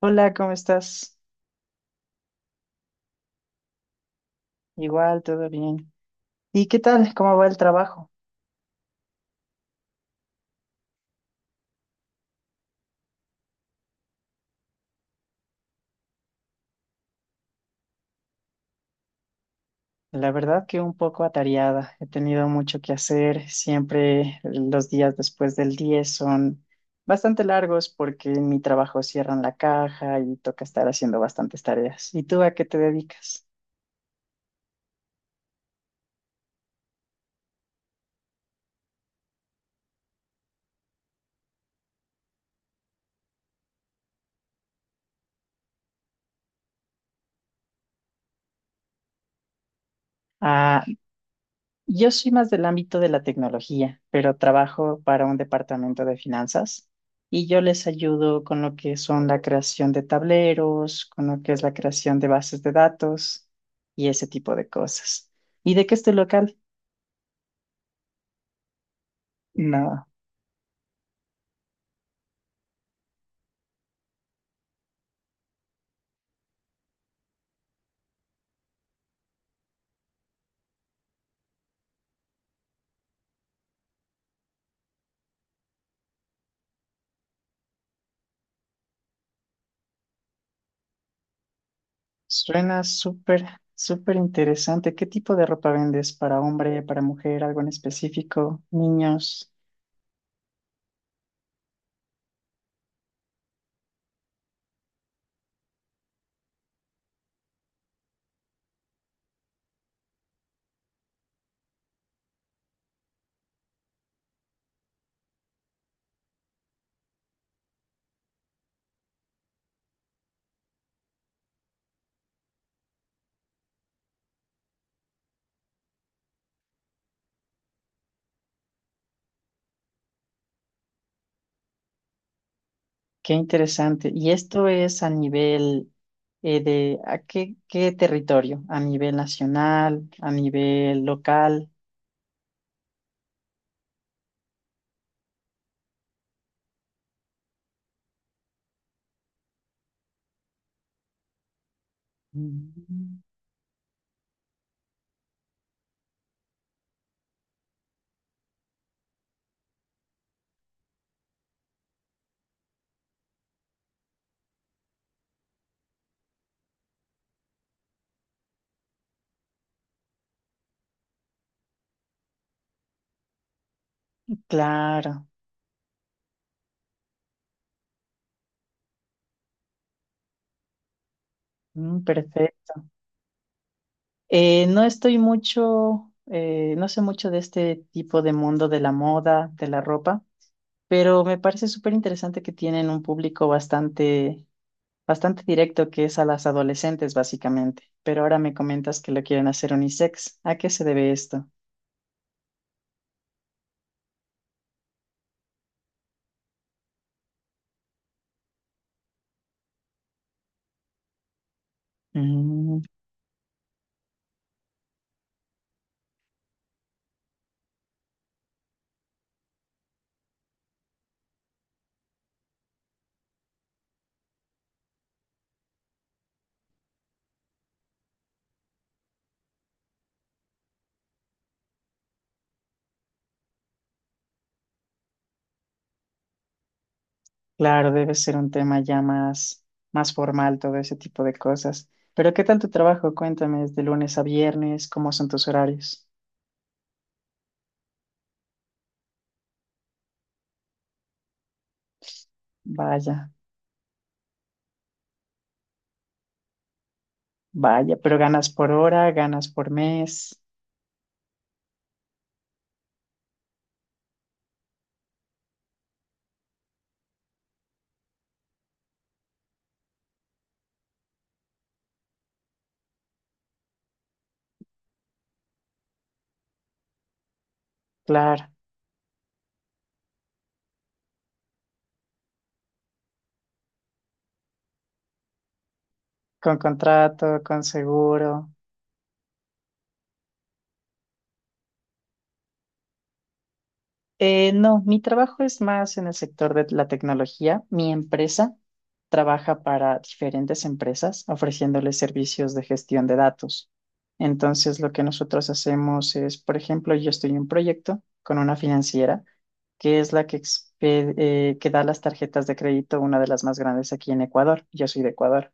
Hola, ¿cómo estás? Igual, todo bien. ¿Y qué tal? ¿Cómo va el trabajo? La verdad que un poco atareada. He tenido mucho que hacer. Siempre los días después del 10 son bastante largos porque en mi trabajo cierran la caja y toca estar haciendo bastantes tareas. ¿Y tú a qué te dedicas? ¿A Yo soy más del ámbito de la tecnología, pero trabajo para un departamento de finanzas y yo les ayudo con lo que son la creación de tableros, con lo que es la creación de bases de datos y ese tipo de cosas. ¿Y de qué es tu local? No, suena súper, súper interesante. ¿Qué tipo de ropa vendes para hombre, para mujer, algo en específico, niños? Qué interesante. ¿Y esto es a nivel de a qué, qué territorio? ¿A nivel nacional? ¿A nivel local? Mm. Claro. Mm, perfecto. No estoy mucho, no sé mucho de este tipo de mundo de la moda, de la ropa, pero me parece súper interesante que tienen un público bastante, bastante directo que es a las adolescentes, básicamente. Pero ahora me comentas que lo quieren hacer unisex. ¿A qué se debe esto? Claro, debe ser un tema ya más, más formal, todo ese tipo de cosas. Pero ¿qué tal tu trabajo? Cuéntame, ¿es de lunes a viernes? ¿Cómo son tus horarios? Vaya, vaya, pero ganas por hora, ganas por mes, claro, con contrato, con seguro. No, mi trabajo es más en el sector de la tecnología. Mi empresa trabaja para diferentes empresas ofreciéndoles servicios de gestión de datos. Entonces, lo que nosotros hacemos es, por ejemplo, yo estoy en un proyecto con una financiera que es la que, que da las tarjetas de crédito, una de las más grandes aquí en Ecuador. Yo soy de Ecuador.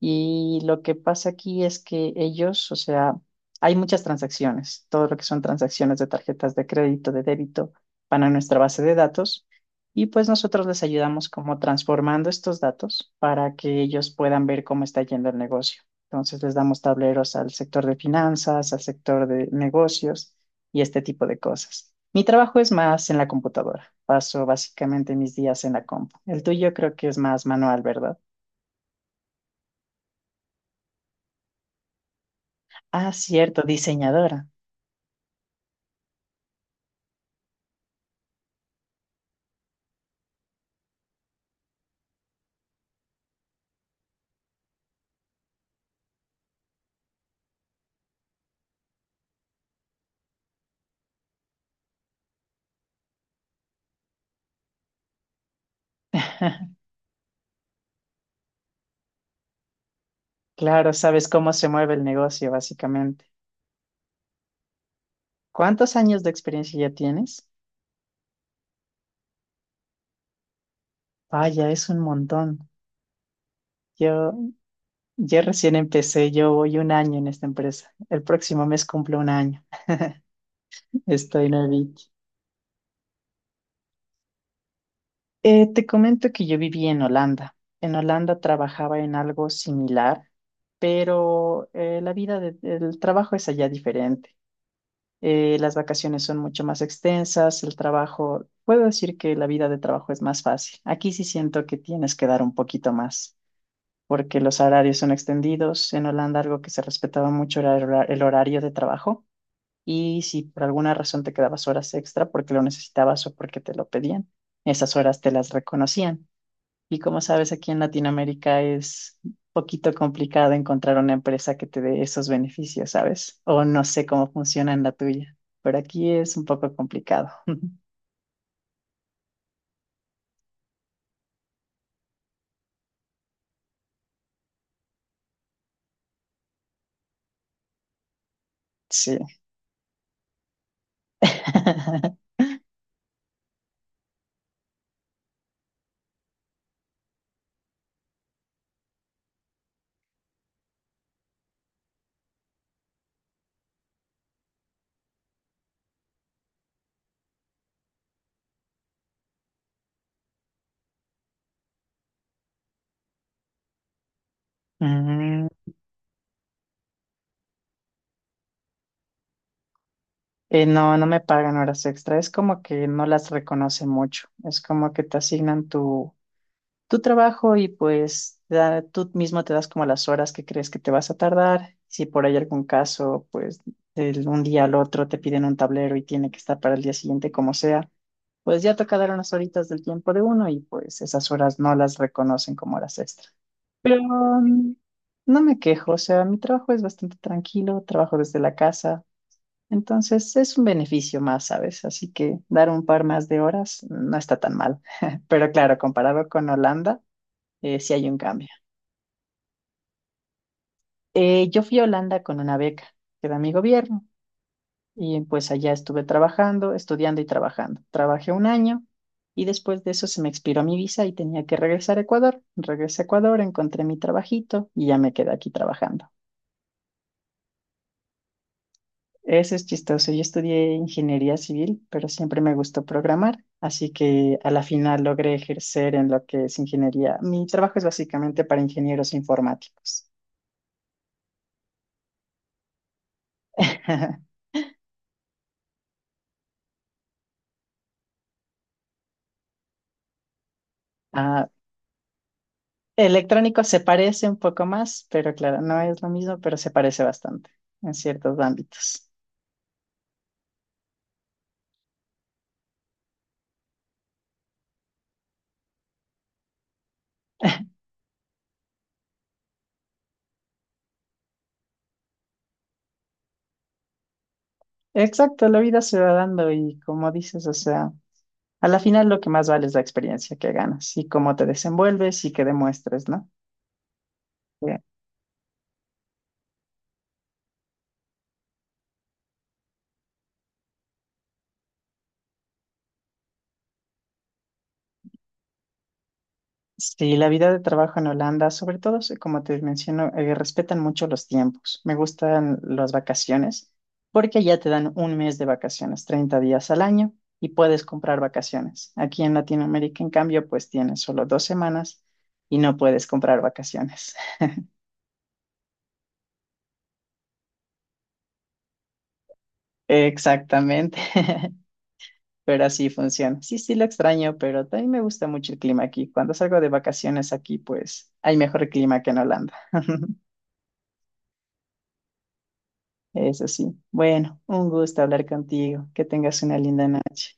Y lo que pasa aquí es que ellos, o sea, hay muchas transacciones, todo lo que son transacciones de tarjetas de crédito, de débito, van a nuestra base de datos y pues nosotros les ayudamos como transformando estos datos para que ellos puedan ver cómo está yendo el negocio. Entonces les damos tableros al sector de finanzas, al sector de negocios y este tipo de cosas. Mi trabajo es más en la computadora. Paso básicamente mis días en la compu. El tuyo creo que es más manual, ¿verdad? Ah, cierto, diseñadora. Claro, sabes cómo se mueve el negocio, básicamente. ¿Cuántos años de experiencia ya tienes? Vaya, es un montón. Yo, yo recién empecé, yo voy un año en esta empresa. El próximo mes cumplo un año. Estoy nuevita. Te comento que yo viví en Holanda. En Holanda trabajaba en algo similar, pero la vida del trabajo es allá diferente. Las vacaciones son mucho más extensas, el trabajo, puedo decir que la vida de trabajo es más fácil. Aquí sí siento que tienes que dar un poquito más, porque los horarios son extendidos. En Holanda algo que se respetaba mucho era el horario de trabajo y si por alguna razón te quedabas horas extra porque lo necesitabas o porque te lo pedían, esas horas te las reconocían. Y como sabes, aquí en Latinoamérica es un poquito complicado encontrar una empresa que te dé esos beneficios, ¿sabes? O no sé cómo funciona en la tuya, pero aquí es un poco complicado. Sí. Mm. No, no me pagan horas extra. Es como que no las reconoce mucho. Es como que te asignan tu trabajo y pues da- tú mismo te das como las horas que crees que te vas a tardar. Si por ahí algún caso, pues de un día al otro te piden un tablero y tiene que estar para el día siguiente como sea, pues ya toca dar unas horitas del tiempo de uno y pues esas horas no las reconocen como horas extra. Pero no me quejo, o sea, mi trabajo es bastante tranquilo, trabajo desde la casa. Entonces es un beneficio más, ¿sabes? Así que dar un par más de horas no está tan mal. Pero claro, comparado con Holanda, si hay un cambio. Yo fui a Holanda con una beca que da mi gobierno y pues allá estuve trabajando, estudiando y trabajando. Trabajé un año y después de eso se me expiró mi visa y tenía que regresar a Ecuador. Regresé a Ecuador, encontré mi trabajito y ya me quedé aquí trabajando. Eso es chistoso. Yo estudié ingeniería civil, pero siempre me gustó programar, así que a la final logré ejercer en lo que es ingeniería. Mi trabajo es básicamente para ingenieros informáticos. Ah, electrónico se parece un poco más, pero claro, no es lo mismo, pero se parece bastante en ciertos ámbitos. Exacto, la vida se va dando y como dices, o sea, a la final lo que más vale es la experiencia que ganas y cómo te desenvuelves y que demuestres, ¿no? Que sí, la vida de trabajo en Holanda, sobre todo, sí, como te menciono, respetan mucho los tiempos. Me gustan las vacaciones porque ya te dan un mes de vacaciones, 30 días al año y puedes comprar vacaciones. Aquí en Latinoamérica, en cambio, pues tienes solo 2 semanas y no puedes comprar vacaciones. Exactamente, pero así funciona. Sí, sí, lo extraño, pero también me gusta mucho el clima aquí. Cuando salgo de vacaciones aquí, pues hay mejor clima que en Holanda. Eso sí. Bueno, un gusto hablar contigo. Que tengas una linda noche.